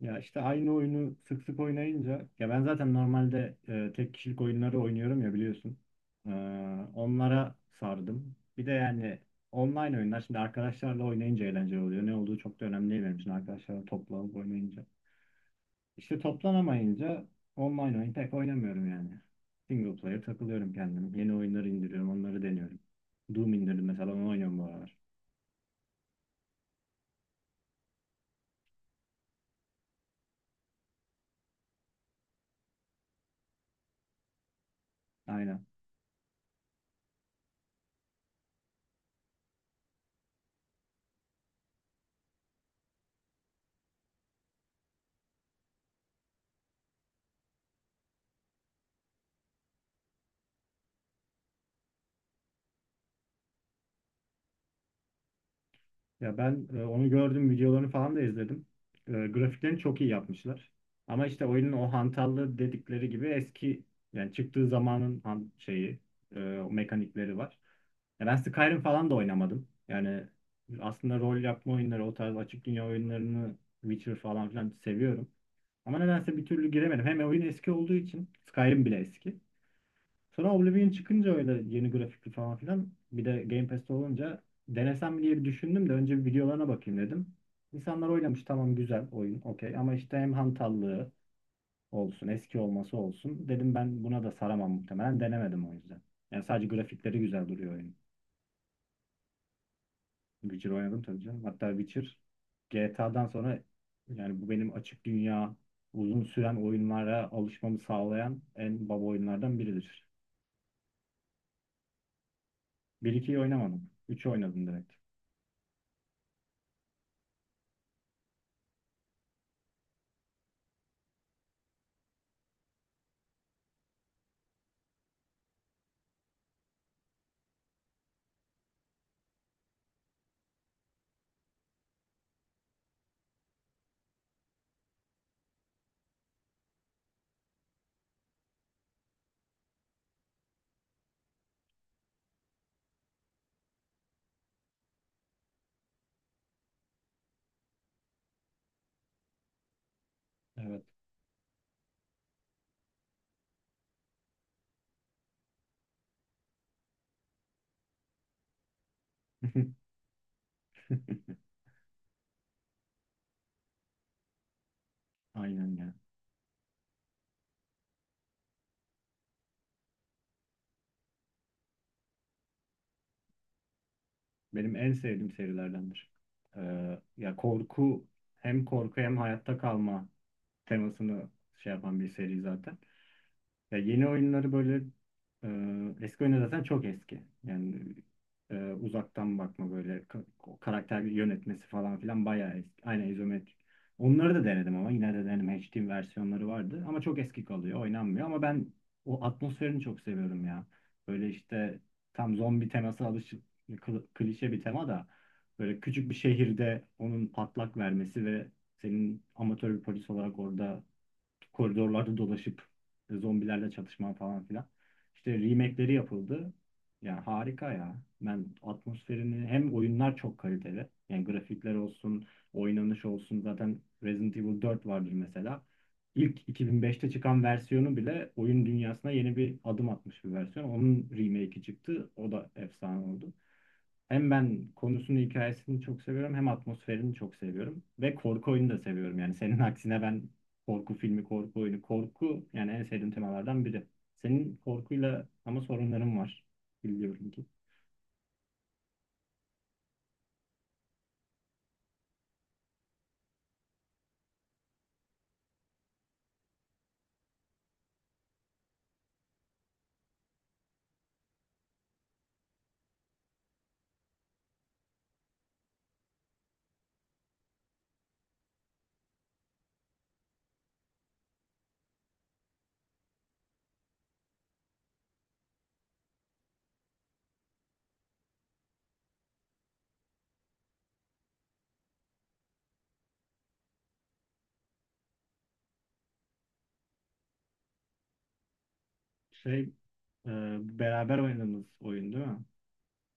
Ya işte aynı oyunu sık sık oynayınca ya ben zaten normalde tek kişilik oyunları oynuyorum ya biliyorsun. Ee, Onlara sardım. Bir de yani online oyunlar şimdi arkadaşlarla oynayınca eğlenceli oluyor. Ne olduğu çok da önemli değil benim için arkadaşlarla toplanıp oynayınca. İşte toplanamayınca online oyun pek oynamıyorum yani. Single player takılıyorum kendim. Yeni oyunları indiriyorum, onları deniyorum. Doom indirdim mesela onu oynuyorum bu aralar. Aynen. Ya ben onu gördüm, videolarını falan da izledim. Grafiklerini çok iyi yapmışlar. Ama işte oyunun o hantallığı dedikleri gibi eski yani çıktığı zamanın şeyi, o mekanikleri var. Ya ben Skyrim falan da oynamadım. Yani aslında rol yapma oyunları, o tarz açık dünya oyunlarını Witcher falan filan seviyorum. Ama nedense bir türlü giremedim. Hem oyun eski olduğu için Skyrim bile eski. Sonra Oblivion çıkınca öyle yeni grafikli falan filan bir de Game Pass'te olunca denesem diye bir düşündüm de önce bir videolarına bakayım dedim. İnsanlar oynamış tamam güzel oyun okey ama işte hem hantallığı olsun eski olması olsun dedim ben buna da saramam muhtemelen denemedim o yüzden. Yani sadece grafikleri güzel duruyor oyun. Witcher oynadım tabii canım. Hatta Witcher GTA'dan sonra yani bu benim açık dünya uzun süren oyunlara alışmamı sağlayan en baba oyunlardan biridir. Bir 2yi oynamadım. 3'ü oynadım direkt. Evet. Aynen ya. Benim en sevdiğim serilerdendir. Ya korku Hem korku hem hayatta kalma temasını şey yapan bir seri zaten. Ya yeni oyunları böyle eski oyunlar zaten çok eski. Yani uzaktan bakma böyle karakter yönetmesi falan filan bayağı eski. Aynen izometrik. Onları da denedim ama yine de denedim. HD versiyonları vardı ama çok eski kalıyor. Oynanmıyor ama ben o atmosferini çok seviyorum ya. Böyle işte tam zombi teması alışık klişe bir tema da böyle küçük bir şehirde onun patlak vermesi ve senin amatör bir polis olarak orada koridorlarda dolaşıp zombilerle çatışma falan filan. İşte remake'leri yapıldı. Yani harika ya. Ben atmosferini hem oyunlar çok kaliteli. Yani grafikler olsun, oynanış olsun. Zaten Resident Evil 4 vardır mesela. İlk 2005'te çıkan versiyonu bile oyun dünyasına yeni bir adım atmış bir versiyon. Onun remake'i çıktı. O da efsane oldu. Hem ben konusunu, hikayesini çok seviyorum hem atmosferini çok seviyorum. Ve korku oyunu da seviyorum. Yani senin aksine ben korku filmi, korku oyunu, korku yani en sevdiğim temalardan biri. Senin korkuyla ama sorunların var. Biliyorum ki. Şey, e, Beraber oynadığımız oyun değil mi?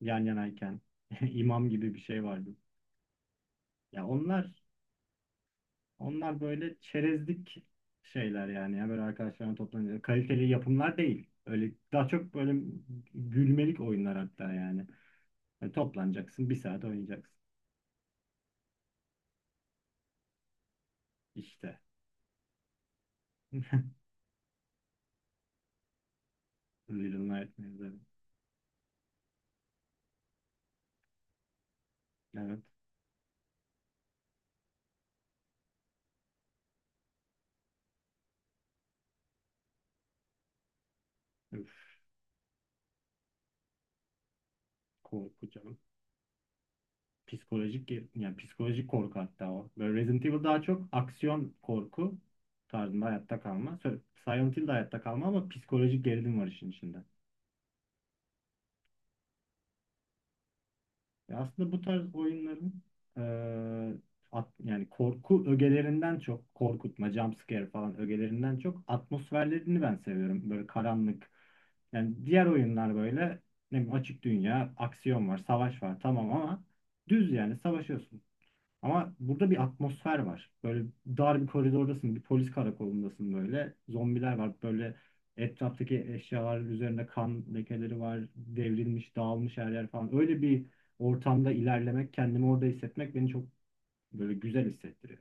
Yan yanayken. imam gibi bir şey vardı. Ya onlar Onlar böyle çerezlik şeyler yani. Ya böyle arkadaşlarına toplanıyor. Kaliteli yapımlar değil. Öyle daha çok böyle gülmelik oyunlar hatta yani. Toplanacaksın. Bir saat oynayacaksın. İşte. Little Nightmares. Evet. Evet. Üf, korkacağım. Yani psikolojik korku hatta o. Böyle Resident Evil daha çok aksiyon korku tarzında hayatta kalma. Silent Hill de hayatta kalma ama psikolojik gerilim var işin içinde. Ya aslında bu tarz oyunların e, yani korku ögelerinden çok korkutma, jump scare falan ögelerinden çok atmosferlerini ben seviyorum. Böyle karanlık. Yani diğer oyunlar böyle ne bileyim, açık dünya, aksiyon var, savaş var tamam ama düz yani savaşıyorsun. Ama burada bir atmosfer var. Böyle dar bir koridordasın, bir polis karakolundasın böyle. Zombiler var. Böyle etraftaki eşyaların üzerinde kan lekeleri var. Devrilmiş, dağılmış her yer falan. Öyle bir ortamda ilerlemek, kendimi orada hissetmek beni çok böyle güzel hissettiriyor.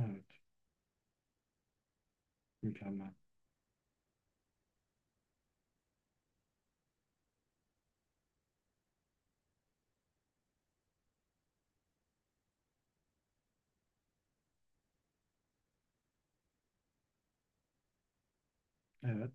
Evet. Mükemmel. Evet.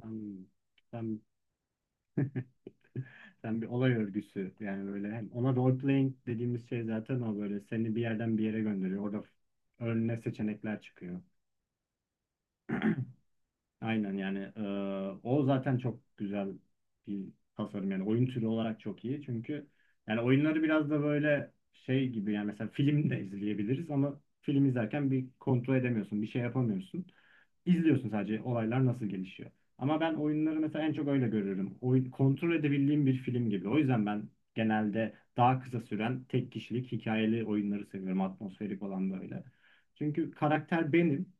Sen, Sen bir olay örgüsü yani böyle hem ona role playing dediğimiz şey zaten o böyle seni bir yerden bir yere gönderiyor. Orada önüne seçenekler çıkıyor. Aynen yani o zaten çok güzel bir tasarım yani oyun türü olarak çok iyi çünkü yani oyunları biraz da böyle şey gibi yani mesela film de izleyebiliriz ama film izlerken bir kontrol edemiyorsun bir şey yapamıyorsun izliyorsun sadece olaylar nasıl gelişiyor ama ben oyunları mesela en çok öyle görüyorum oyun kontrol edebildiğim bir film gibi o yüzden ben genelde daha kısa süren tek kişilik hikayeli oyunları seviyorum atmosferik olan böyle çünkü karakter benim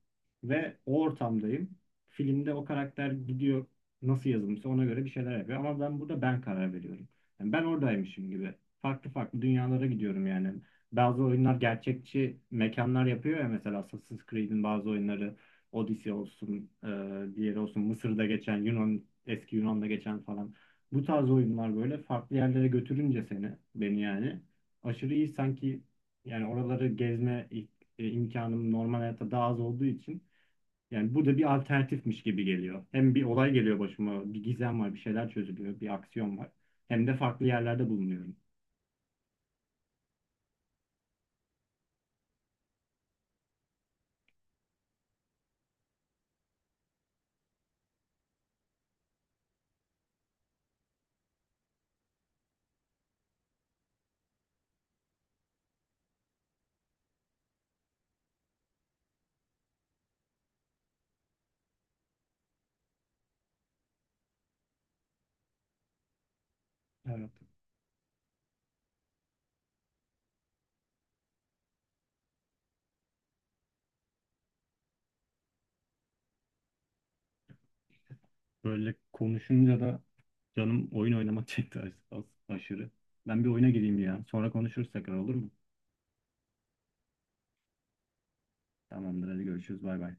ve o ortamdayım filmde o karakter gidiyor nasıl yazılmışsa ona göre bir şeyler yapıyor. Ama ben burada ben karar veriyorum. Yani ben oradaymışım gibi. Farklı farklı dünyalara gidiyorum yani. Bazı oyunlar gerçekçi mekanlar yapıyor ya mesela Assassin's Creed'in bazı oyunları Odyssey olsun, diğeri olsun Mısır'da geçen, Yunan, eski Yunan'da geçen falan. Bu tarz oyunlar böyle farklı yerlere götürünce seni, beni yani aşırı iyi sanki yani imkanım normal hayatta daha az olduğu için yani bu da bir alternatifmiş gibi geliyor. Hem bir olay geliyor başıma, bir gizem var, bir şeyler çözülüyor, bir aksiyon var. Hem de farklı yerlerde bulunuyorum. Evet. Böyle konuşunca da canım oyun oynamak çekti aşırı. Ben bir oyuna gireyim ya. Sonra konuşuruz tekrar olur mu? Tamamdır hadi görüşürüz bay bay.